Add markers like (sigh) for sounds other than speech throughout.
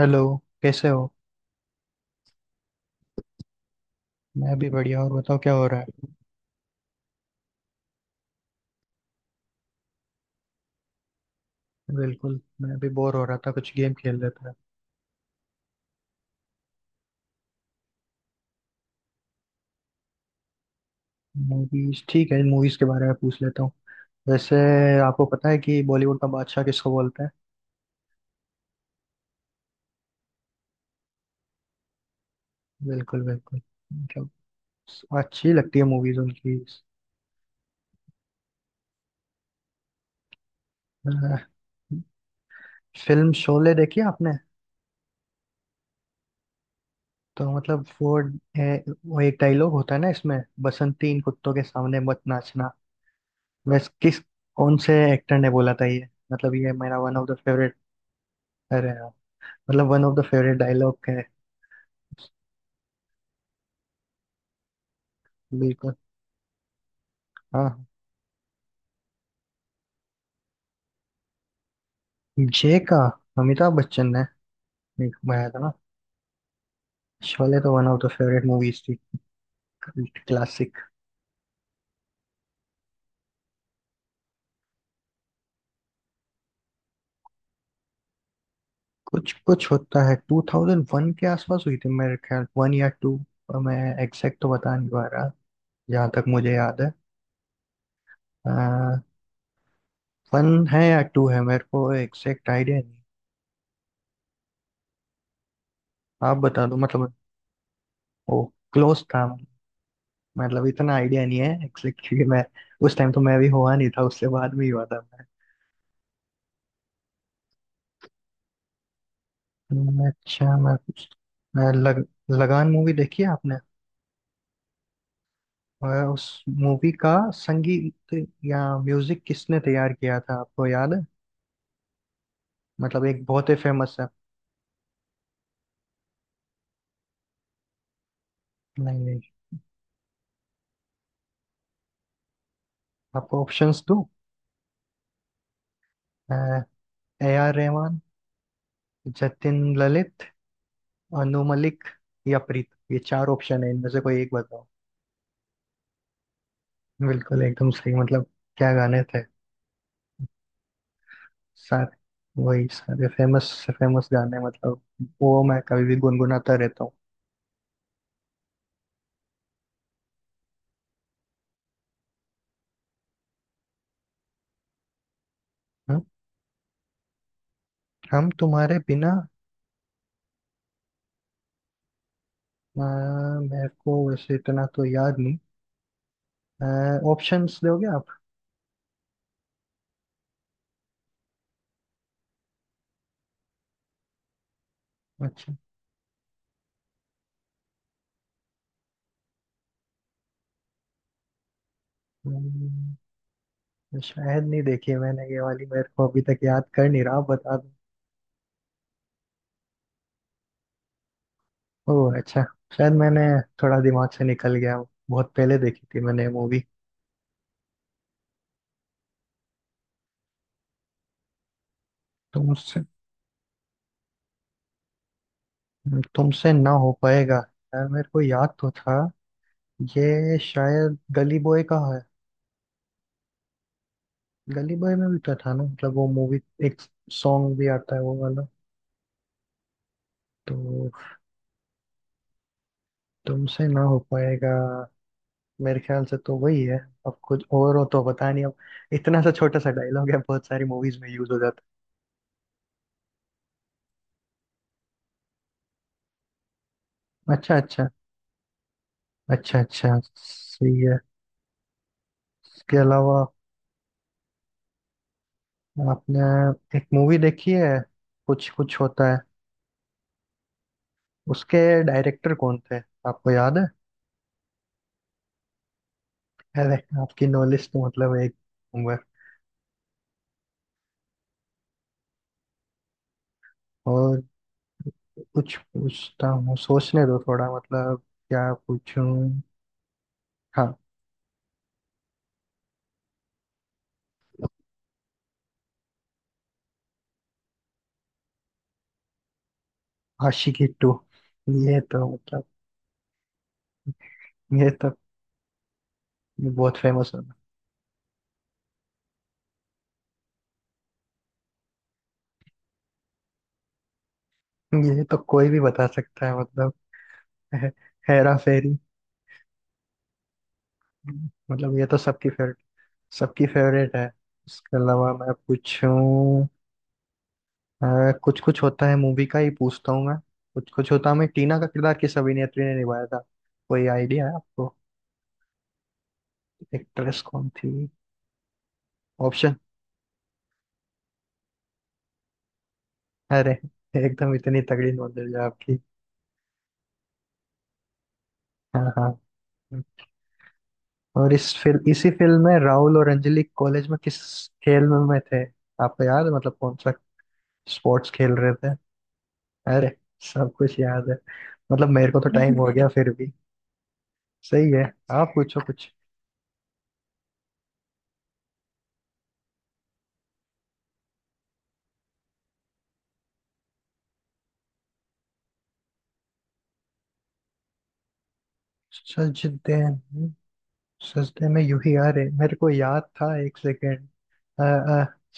Hello. कैसे हो? मैं भी बढ़िया। और बताओ, क्या हो रहा है? बिल्कुल, मैं भी बोर हो रहा था। कुछ गेम खेल लेता है। मूवीज ठीक है। मूवीज के बारे में पूछ लेता हूँ। वैसे, आपको पता है कि बॉलीवुड का बादशाह किसको बोलते हैं? बिल्कुल बिल्कुल। मतलब, अच्छी लगती है मूवीज उनकी। अ, फिल्म शोले देखी आपने? तो मतलब वो, वो एक डायलॉग होता है ना इसमें। बसंती, इन कुत्तों के सामने मत नाचना। वैसे, किस कौन से एक्टर ने बोला था ये? मतलब ये मेरा वन ऑफ द फेवरेट है। मतलब one of the favourite dialogue है। बिल्कुल। हाँ, जे का अमिताभ बच्चन ने एक बनाया था ना। शोले तो one of the favourite movies थी। क्लासिक। कुछ कुछ होता है 2001 के आसपास हुई थी, मेरे ख्याल, वन या टू। मैं एग्जैक्ट तो बता नहीं पा रहा। जहाँ तक मुझे याद है, वन है या टू है, मेरे को एग्जैक्ट आइडिया नहीं। आप बता दो मतलब। ओ, क्लोज था। मतलब इतना आइडिया नहीं है एग्जैक्ट, क्योंकि मैं उस टाइम तो मैं भी हुआ नहीं था, उससे बाद में ही हुआ था। अच्छा, मैं लगान मूवी देखी है आपने? और उस मूवी का संगीत या म्यूजिक किसने तैयार किया था, आपको याद है? मतलब एक बहुत ही फेमस है। नहीं नहीं। आपको ऑप्शंस दो। ए आर रहमान, जतिन ललित, अनु मलिक, या प्रीत, ये चार ऑप्शन है, इनमें से कोई एक बताओ। बिल्कुल, एकदम सही। मतलब क्या गाने थे। सारे, वही सारे फेमस से फेमस गाने, मतलब वो मैं कभी भी गुनगुनाता रहता हूँ। हम्म? हम तुम्हारे बिना। मेरे को वैसे इतना तो याद नहीं। ऑप्शंस दोगे आप? अच्छा। हम्म, शायद नहीं देखी है मैंने, ये वाली मेरे को अभी तक याद कर नहीं रहा। आप बता दो। ओह, अच्छा। शायद मैंने, थोड़ा दिमाग से निकल गया। बहुत पहले देखी थी मैंने मूवी। तुमसे तुमसे ना हो पाएगा। यार, मेरे को याद तो था। ये शायद गली बॉय का है। गली बॉय में भी तो था ना, मतलब वो मूवी एक सॉन्ग भी आता है वो वाला, तो। तुमसे ना हो पाएगा, मेरे ख्याल से तो वही है। अब कुछ और हो तो पता नहीं अब। इतना सा छोटा सा डायलॉग है, बहुत सारी मूवीज में यूज हो जाता है। अच्छा अच्छा। अच्छा अच्छा। सही है। इसके अलावा, आपने एक मूवी देखी है, कुछ कुछ होता है, उसके डायरेक्टर कौन थे, आपको याद है? अरे, आपकी नॉलेज तो मतलब एक नंबर। और कुछ पूछता हूँ, सोचने दो थोड़ा, मतलब क्या पूछूं। हाँ। आशिकी टू, ये तो मतलब ये तो बहुत फेमस है। ये तो कोई भी बता सकता है मतलब। हे, हेरा फेरी। मतलब ये तो सबकी फेवरेट, सबकी फेवरेट है। इसके अलावा मैं पूछूं, कुछ कुछ होता है मूवी का ही पूछता हूँ मैं। कुछ कुछ होता है में टीना का किरदार किस अभिनेत्री ने निभाया था? कोई आइडिया है आपको? एक्ट्रेस कौन थी? ऑप्शन? अरे, एकदम इतनी तगड़ी नॉलेज है आपकी। हाँ हाँ। और इस फिल्म इसी फिल्म में राहुल और अंजलि कॉलेज में किस खेल में थे? आपको याद है, मतलब कौन सा स्पोर्ट्स खेल रहे थे? अरे, सब कुछ याद है। मतलब मेरे को तो टाइम हो गया फिर भी। सही है। आप पूछो कुछ। सजदे सजदे में यूं ही आ रहे, मेरे को याद था, एक सेकेंड।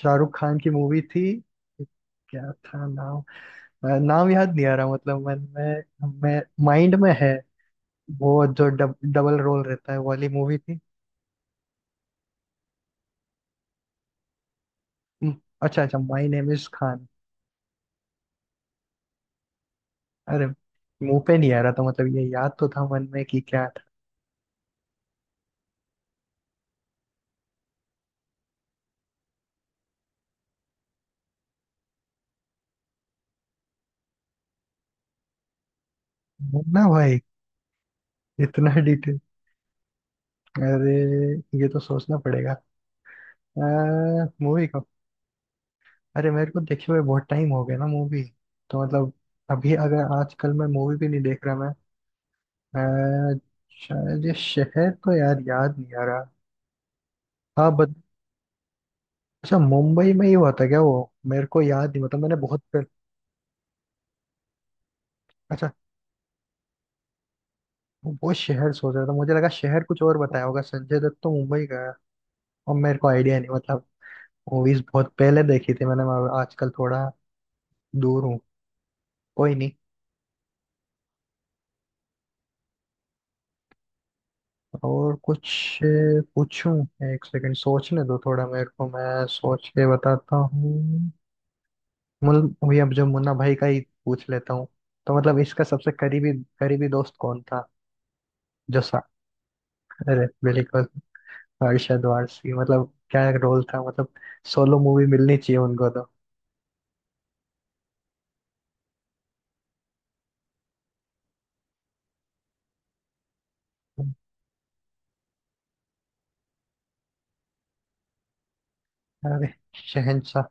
शाहरुख खान की मूवी थी। क्या था नाम? नाम याद नहीं आ रहा, मतलब मन में, मैं माइंड में है। वो जो डबल रोल रहता है वो वाली मूवी थी। हम्म, अच्छा अच्छा, माई नेम इज खान। अरे, मुंह पे नहीं आ रहा था, मतलब ये याद तो था मन में कि क्या था ना भाई। इतना, अरे, ये तो सोचना पड़ेगा। मूवी का। अरे, मेरे को देखे हुए बहुत टाइम हो गया ना मूवी, तो मतलब। अभी अगर आजकल मैं मूवी भी नहीं देख रहा, मैं, अ, शायद ये शहर तो यार याद नहीं आ रहा। हाँ, बट अच्छा मुंबई में ही हुआ था क्या वो मेरे को याद नहीं, मतलब अच्छा, वो शहर सोच रहा था, मुझे लगा शहर कुछ और बताया होगा। संजय दत्त तो मुंबई का है। और मेरे को आइडिया नहीं, मतलब मूवीज बहुत पहले देखी थी मैंने। मैं आजकल थोड़ा दूर हूँ। कोई नहीं। और कुछ पूछूं? एक सेकंड, सोचने दो थोड़ा मेरे को, मैं सोच के बताता हूँ। वही, अब जो मुन्ना भाई का ही पूछ लेता हूँ। तो मतलब इसका सबसे करीबी करीबी दोस्त कौन था। जो सा अरे बिल्कुल, अरशद वारसी, मतलब क्या रोल था, मतलब सोलो मूवी मिलनी चाहिए उनको तो। अरे, शहंशाह,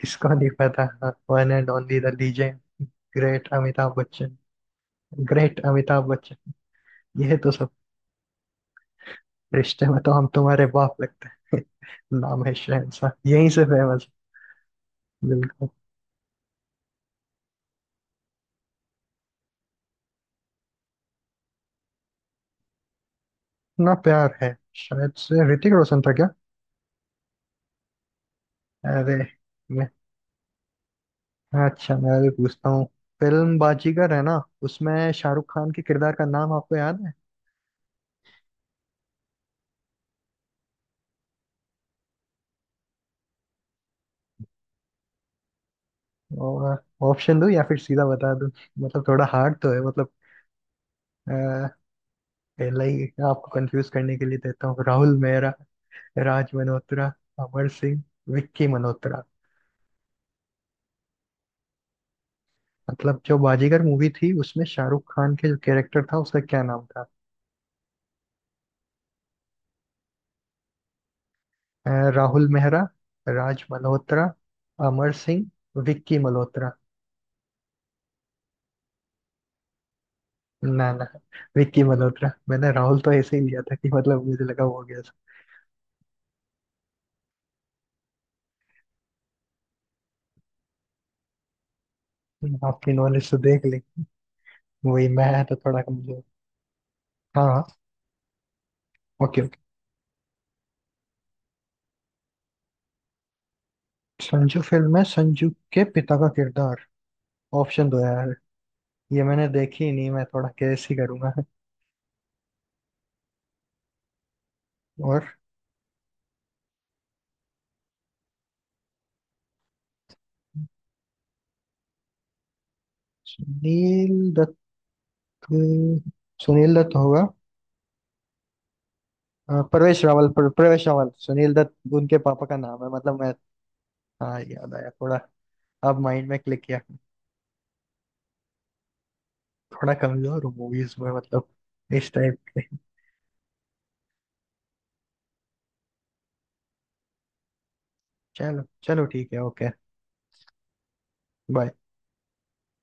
किसको नहीं पता। One and only the legend, great Amitabh Bachchan. Great Amitabh Bachchan. ये तो, रिश्ते में तो हम तुम्हारे बाप लगते हैं। (laughs) नाम है शहंशाह, यहीं से फेमस। बिल्कुल। इतना प्यार है। शायद से ऋतिक रोशन था क्या? अरे, मैं अच्छा, मैं भी पूछता हूँ। फिल्म बाजीगर है ना, उसमें शाहरुख खान के किरदार का नाम आपको याद है? और ऑप्शन दूं या फिर सीधा बता दूं? मतलब थोड़ा हार्ड तो है मतलब। अ, पहले ही आपको कंफ्यूज करने के लिए देता हूँ। राहुल मेहरा, राज मल्होत्रा, अमर सिंह, विक्की मल्होत्रा। मतलब जो बाजीगर मूवी थी, उसमें शाहरुख खान के जो कैरेक्टर था उसका क्या नाम था? अ, राहुल मेहरा, राज मल्होत्रा, अमर सिंह, विक्की मल्होत्रा। ना ना, विक्की मल्होत्रा। मैंने राहुल तो ऐसे ही लिया था कि मतलब मुझे लगा वो हो गया। था, आपकी नॉलेज तो देख ली। वही, मैं है तो थोड़ा कमजोर। हाँ हाँ। Okay okay. संजू फिल्म में संजू के पिता का किरदार, ऑप्शन दो यार। ये मैंने देखी ही नहीं, मैं थोड़ा कैसे ही करूंगा। और सुनील दत्त, सुनील दत्त होगा। हाँ, प्रवेश रावल, प्रवेश रावल, सुनील दत्त उनके पापा का नाम है, मतलब मैं। हाँ, याद आया थोड़ा, अब माइंड में क्लिक किया। थोड़ा कमजोर हूँ मूवीज में, मतलब इस टाइप के। चलो चलो, ठीक है, ओके। बाय।